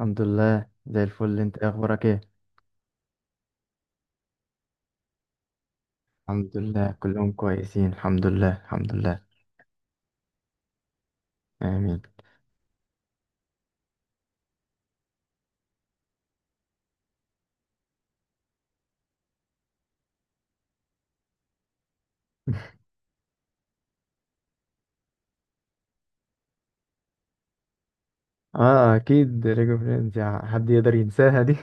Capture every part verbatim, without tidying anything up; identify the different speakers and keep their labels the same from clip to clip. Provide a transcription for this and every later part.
Speaker 1: الحمد لله زي الفل. انت ايه اخبارك ايه؟ الحمد لله كلهم كويسين، الحمد لله الحمد لله. امين. اه اكيد، ليجو فريندز، يا حد يقدر ينساها دي؟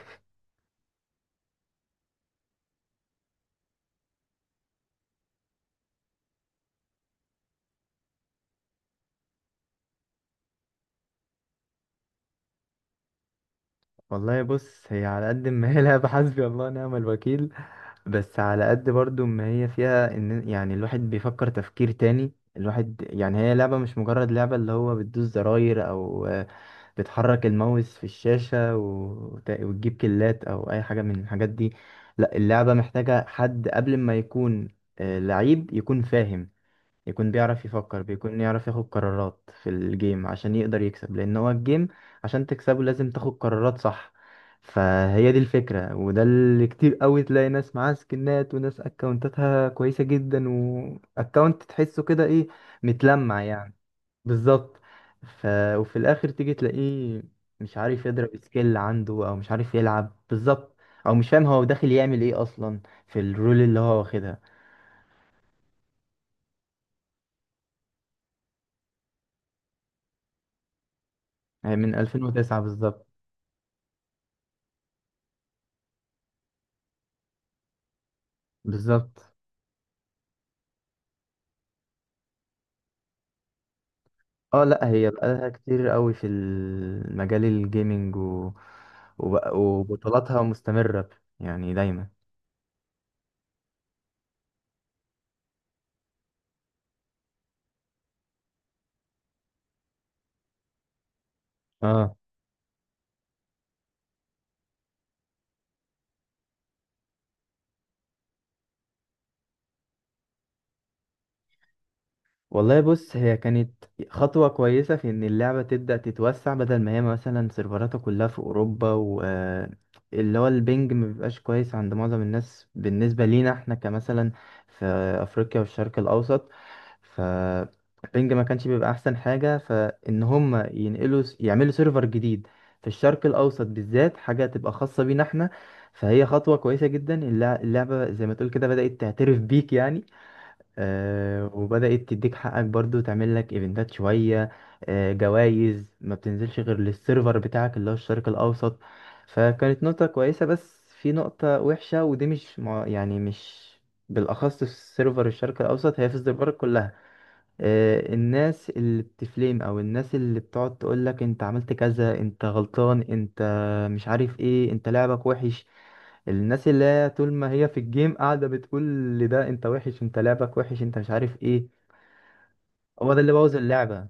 Speaker 1: والله بص، هي على قد ما هي لعبة حسبي الله ونعم الوكيل، بس على قد برضو ما هي فيها ان يعني الواحد بيفكر تفكير تاني. الواحد يعني هي لعبة مش مجرد لعبة اللي هو بتدوس زراير او آه، بتحرك الماوس في الشاشة وت- وتجيب كلات او اي حاجة من الحاجات دي. لا، اللعبة محتاجة حد قبل ما يكون آه، لعيب، يكون فاهم، يكون بيعرف يفكر، بيكون يعرف ياخد قرارات في الجيم عشان يقدر يكسب، لان هو الجيم عشان تكسبه لازم تاخد قرارات صح. فهي دي الفكرة، وده اللي كتير قوي تلاقي ناس معاها سكنات، وناس اكونتاتها كويسة جدا، واكونت تحسه كده ايه، متلمع يعني. بالظبط. ف... وفي الاخر تيجي تلاقيه مش عارف يضرب سكيل عنده، او مش عارف يلعب بالظبط، او مش فاهم هو داخل يعمل ايه اصلا في الرول اللي هو واخدها. يعني من ألفين وتسعة بالظبط. بالظبط، اه. لا، هي بقالها كتير قوي في المجال الجيمنج، و... وبق- وبطولاتها مستمرة، يعني دايما. اه. والله بص، هي كانت خطوة كويسة في ان اللعبة تبدأ تتوسع، بدل ما هي مثلا سيرفراتها كلها في اوروبا و آه، اللي هو البنج مبيبقاش كويس عند معظم الناس بالنسبة لينا احنا، كمثلا في افريقيا والشرق الاوسط. فالبنج ما كانش بيبقى احسن حاجه، فان هم ينقلوا يعملوا سيرفر جديد في الشرق الاوسط بالذات، حاجه تبقى خاصه بينا احنا. فهي خطوه كويسه جدا، اللع- اللعبه زي ما تقول كده بدات تعترف بيك يعني، آه، وبدات تديك حقك برضو، تعمل لك ايفنتات شويه، آه جوائز ما بتنزلش غير للسيرفر بتاعك اللي هو الشرق الاوسط. فكانت نقطه كويسه، بس في نقطه وحشه، ودي مش مع- يعني مش بالاخص في سيرفر الشرق الاوسط، هي في السيرفر كلها. آه، الناس اللي بتفليم، او الناس اللي بتقعد تقولك انت عملت كذا، انت غلطان، انت مش عارف ايه، انت لعبك وحش. الناس اللي هي طول ما هي في الجيم قاعدة بتقول لده انت وحش، انت لعبك وحش، انت مش عارف ايه. هو ده اللي بوظ اللعبة.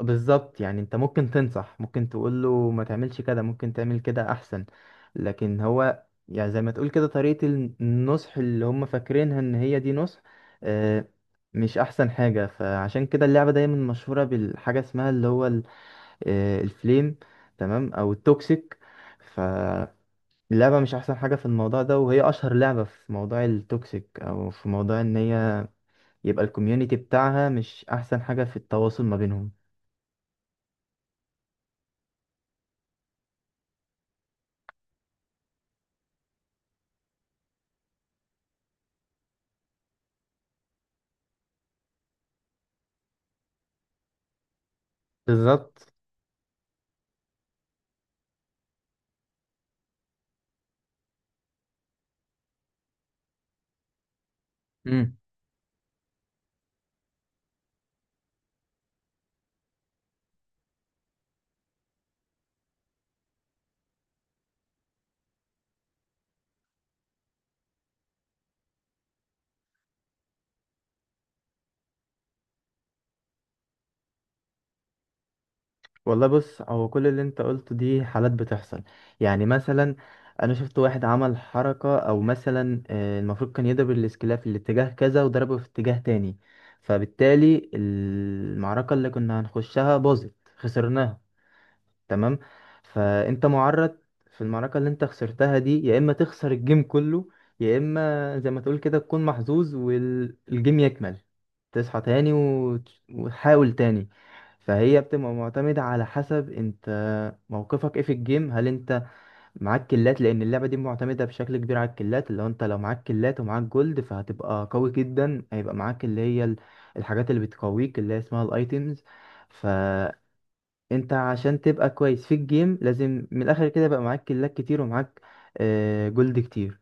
Speaker 1: بالظبط، يعني انت ممكن تنصح، ممكن تقول له ما تعملش كده، ممكن تعمل كده احسن، لكن هو يعني زي ما تقول كده طريقة النصح اللي هم فاكرينها ان هي دي نصح، آه، مش احسن حاجة. فعشان كده اللعبة دايما مشهورة بالحاجة اسمها اللي هو ال- آه، الفليم، تمام، او التوكسيك. فاللعبة مش احسن حاجة في الموضوع ده، وهي اشهر لعبة في موضوع التوكسيك، او في موضوع ان هي يبقى الكوميونيتي بتاعها مش احسن حاجة في التواصل ما بينهم. بالظبط. والله بص، هو كل اللي انت قلته دي حالات بتحصل. يعني مثلا انا شفت واحد عمل حركة، او مثلا آه، المفروض كان يضرب الاسكلية في الاتجاه كذا وضربه في اتجاه تاني، فبالتالي المعركة اللي كنا هنخشها باظت خسرناها. تمام. فانت معرض في المعركة اللي انت خسرتها دي، يا اما تخسر الجيم كله، يا اما زي ما تقول كده تكون محظوظ والجيم يكمل، تصحى تاني وت- وتحاول تاني. فهي بتبقى معتمدة على حسب انت موقفك ايه في الجيم، هل انت معاك كلات؟ لان اللعبة دي معتمدة بشكل كبير على الكلات، اللي هو انت لو معاك كلات ومعاك جولد فهتبقى قوي جدا، هيبقى معاك اللي هي ال- الحاجات اللي بتقويك اللي هي اسمها الايتيمز. انت عشان تبقى كويس في الجيم لازم من الاخر كده يبقى معاك كلاك كتير ومعاك آه، جولد كتير.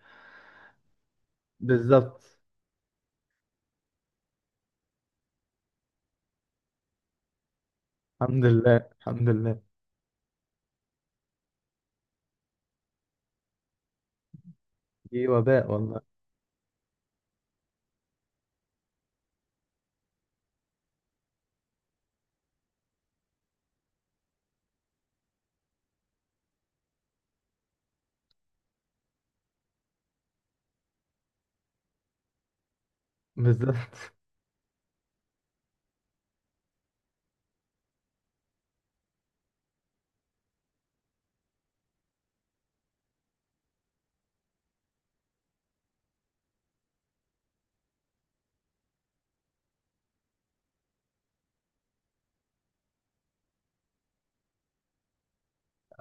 Speaker 1: بالظبط. الحمد لله الحمد لله. دي وباء والله. بالظبط.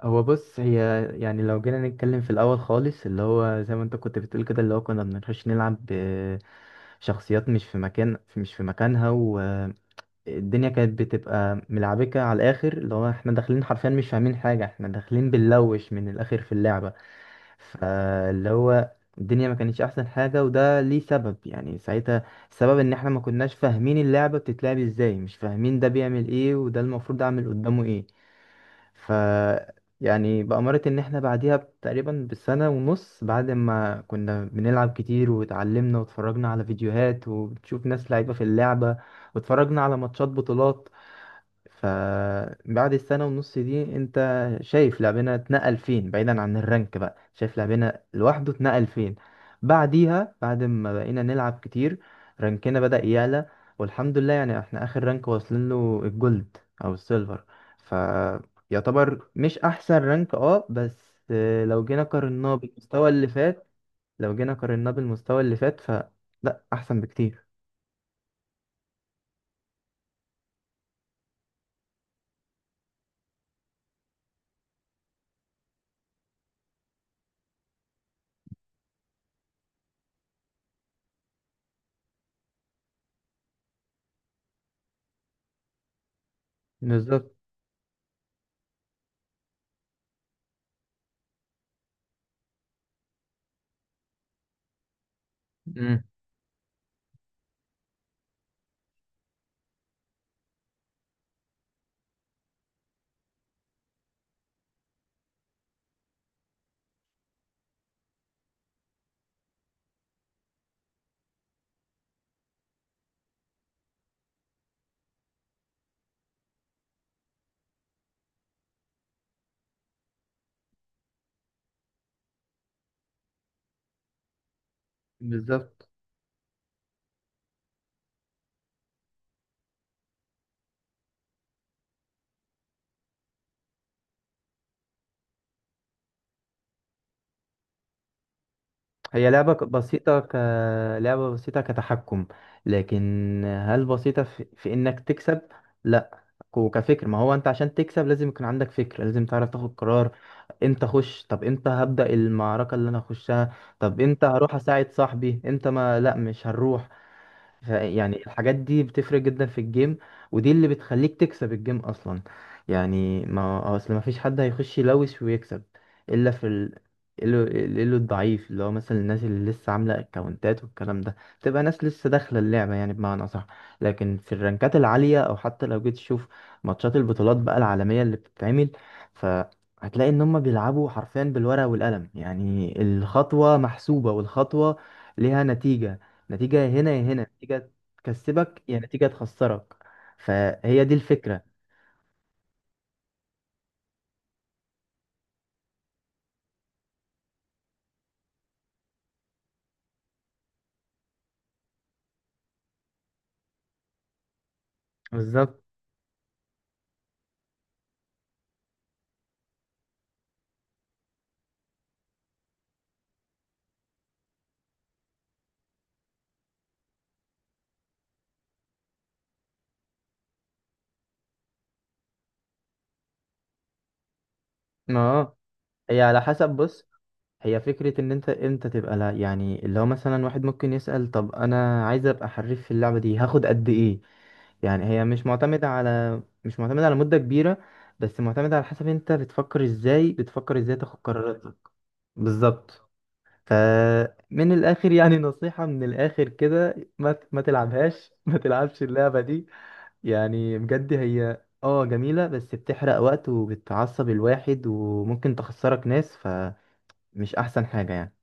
Speaker 1: هو بص هي، يعني لو جينا نتكلم في الاول خالص، اللي هو زي ما انت كنت بتقول كده، اللي هو كنا بنخش نلعب آه، شخصيات مش في مكان، مش في مكانها، والدنيا كانت بتبقى ملعبكة على الاخر، اللي هو احنا داخلين حرفيا مش فاهمين حاجة، احنا داخلين بنلوش من الاخر في اللعبة. فاللي هو الدنيا ما كانتش احسن حاجة، وده ليه سبب، يعني ساعتها السبب ان احنا ما كناش فاهمين اللعبة بتتلعب ازاي، مش فاهمين ده بيعمل ايه، وده المفروض اعمل قدامه ايه. ف يعني بأمارة ان احنا بعديها تقريبا بسنة ونص، بعد ما كنا بنلعب كتير واتعلمنا واتفرجنا على فيديوهات وبتشوف ناس لعيبة في اللعبة واتفرجنا على ماتشات بطولات، فبعد السنة ونص دي انت شايف لاعبنا اتنقل فين، بعيدا عن الرانك، بقى شايف لاعبنا لوحده اتنقل فين. بعديها بعد ما بقينا نلعب كتير، رانكنا بدأ يعلى. والحمد لله يعني احنا اخر رانك واصلين له الجولد او السيلفر، فيعتبر مش احسن رانك، اه، بس آه، لو جينا قارناه بالمستوى اللي فات، لو جينا قارناه بالمستوى اللي فات فلا، احسن بكتير. بالظبط. مم. بالظبط. هي لعبة ك- بسيطة ك لعبة بسيطة كتحكم، لكن هل بسيطة في, في إنك تكسب؟ لا. ك- كفكر، ما هو أنت عشان تكسب لازم يكون عندك فكر، لازم تعرف تاخد قرار. امتى أخش؟ طب امتى هبدأ المعركة اللي أنا هخشها؟ طب امتى هروح أساعد صاحبي؟ امتى ما لا، مش هنروح. فيعني الحاجات دي بتفرق جدا في الجيم، ودي اللي بتخليك تكسب الجيم اصلا. يعني ما اصل ما فيش حد هيخش يلوش ويكسب الا في ال... الا إلا الضعيف، اللي هو مثلا الناس اللي لسه عامله اكونتات والكلام ده، تبقى ناس لسه داخله اللعبه يعني، بمعنى صح. لكن في الرانكات العاليه، او حتى لو جيت تشوف ماتشات البطولات بقى العالميه اللي بتتعمل، ف هتلاقي ان هم بيلعبوا حرفيا بالورقه والقلم، يعني الخطوه محسوبه، والخطوه ليها نتيجه نتيجة، يا هنا يا هنا نتيجة تكسبك، يا نتيجة تخسرك. فهي دي الفكرة. بالظبط. ما آه، هي على حسب بص، هي فكرة ان انت امتى تبقى، لا يعني اللي هو مثلا واحد ممكن يسأل طب انا عايز ابقى حريف في اللعبة دي هاخد قد ايه؟ يعني هي مش معتمدة على مش معتمدة على مدة كبيرة، بس معتمدة على حسب انت بتفكر ازاي، بتفكر ازاي تاخد قراراتك. بالظبط. فمن الاخر يعني نصيحة من الاخر كده، ما ما تلعبهاش ما تلعبش اللعبة دي. يعني بجد هي اه جميلة بس بتحرق وقت وبتعصب الواحد وممكن تخسرك ناس، فمش أحسن حاجة يعني.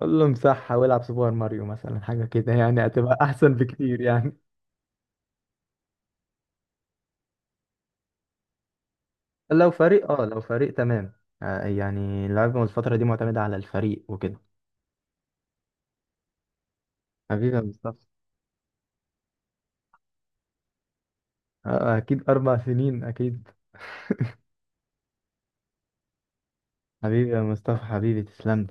Speaker 1: قول له امسحها والعب سوبر ماريو مثلا، حاجة كده يعني هتبقى أحسن بكتير يعني. لو فريق، اه، لو فريق تمام، آه، يعني اللعبة الفترة دي معتمدة على الفريق وكده. حبيبي يا مصطفى. آه، أكيد أربع سنين، أكيد. حبيبي يا مصطفى، حبيبي تسلم لي.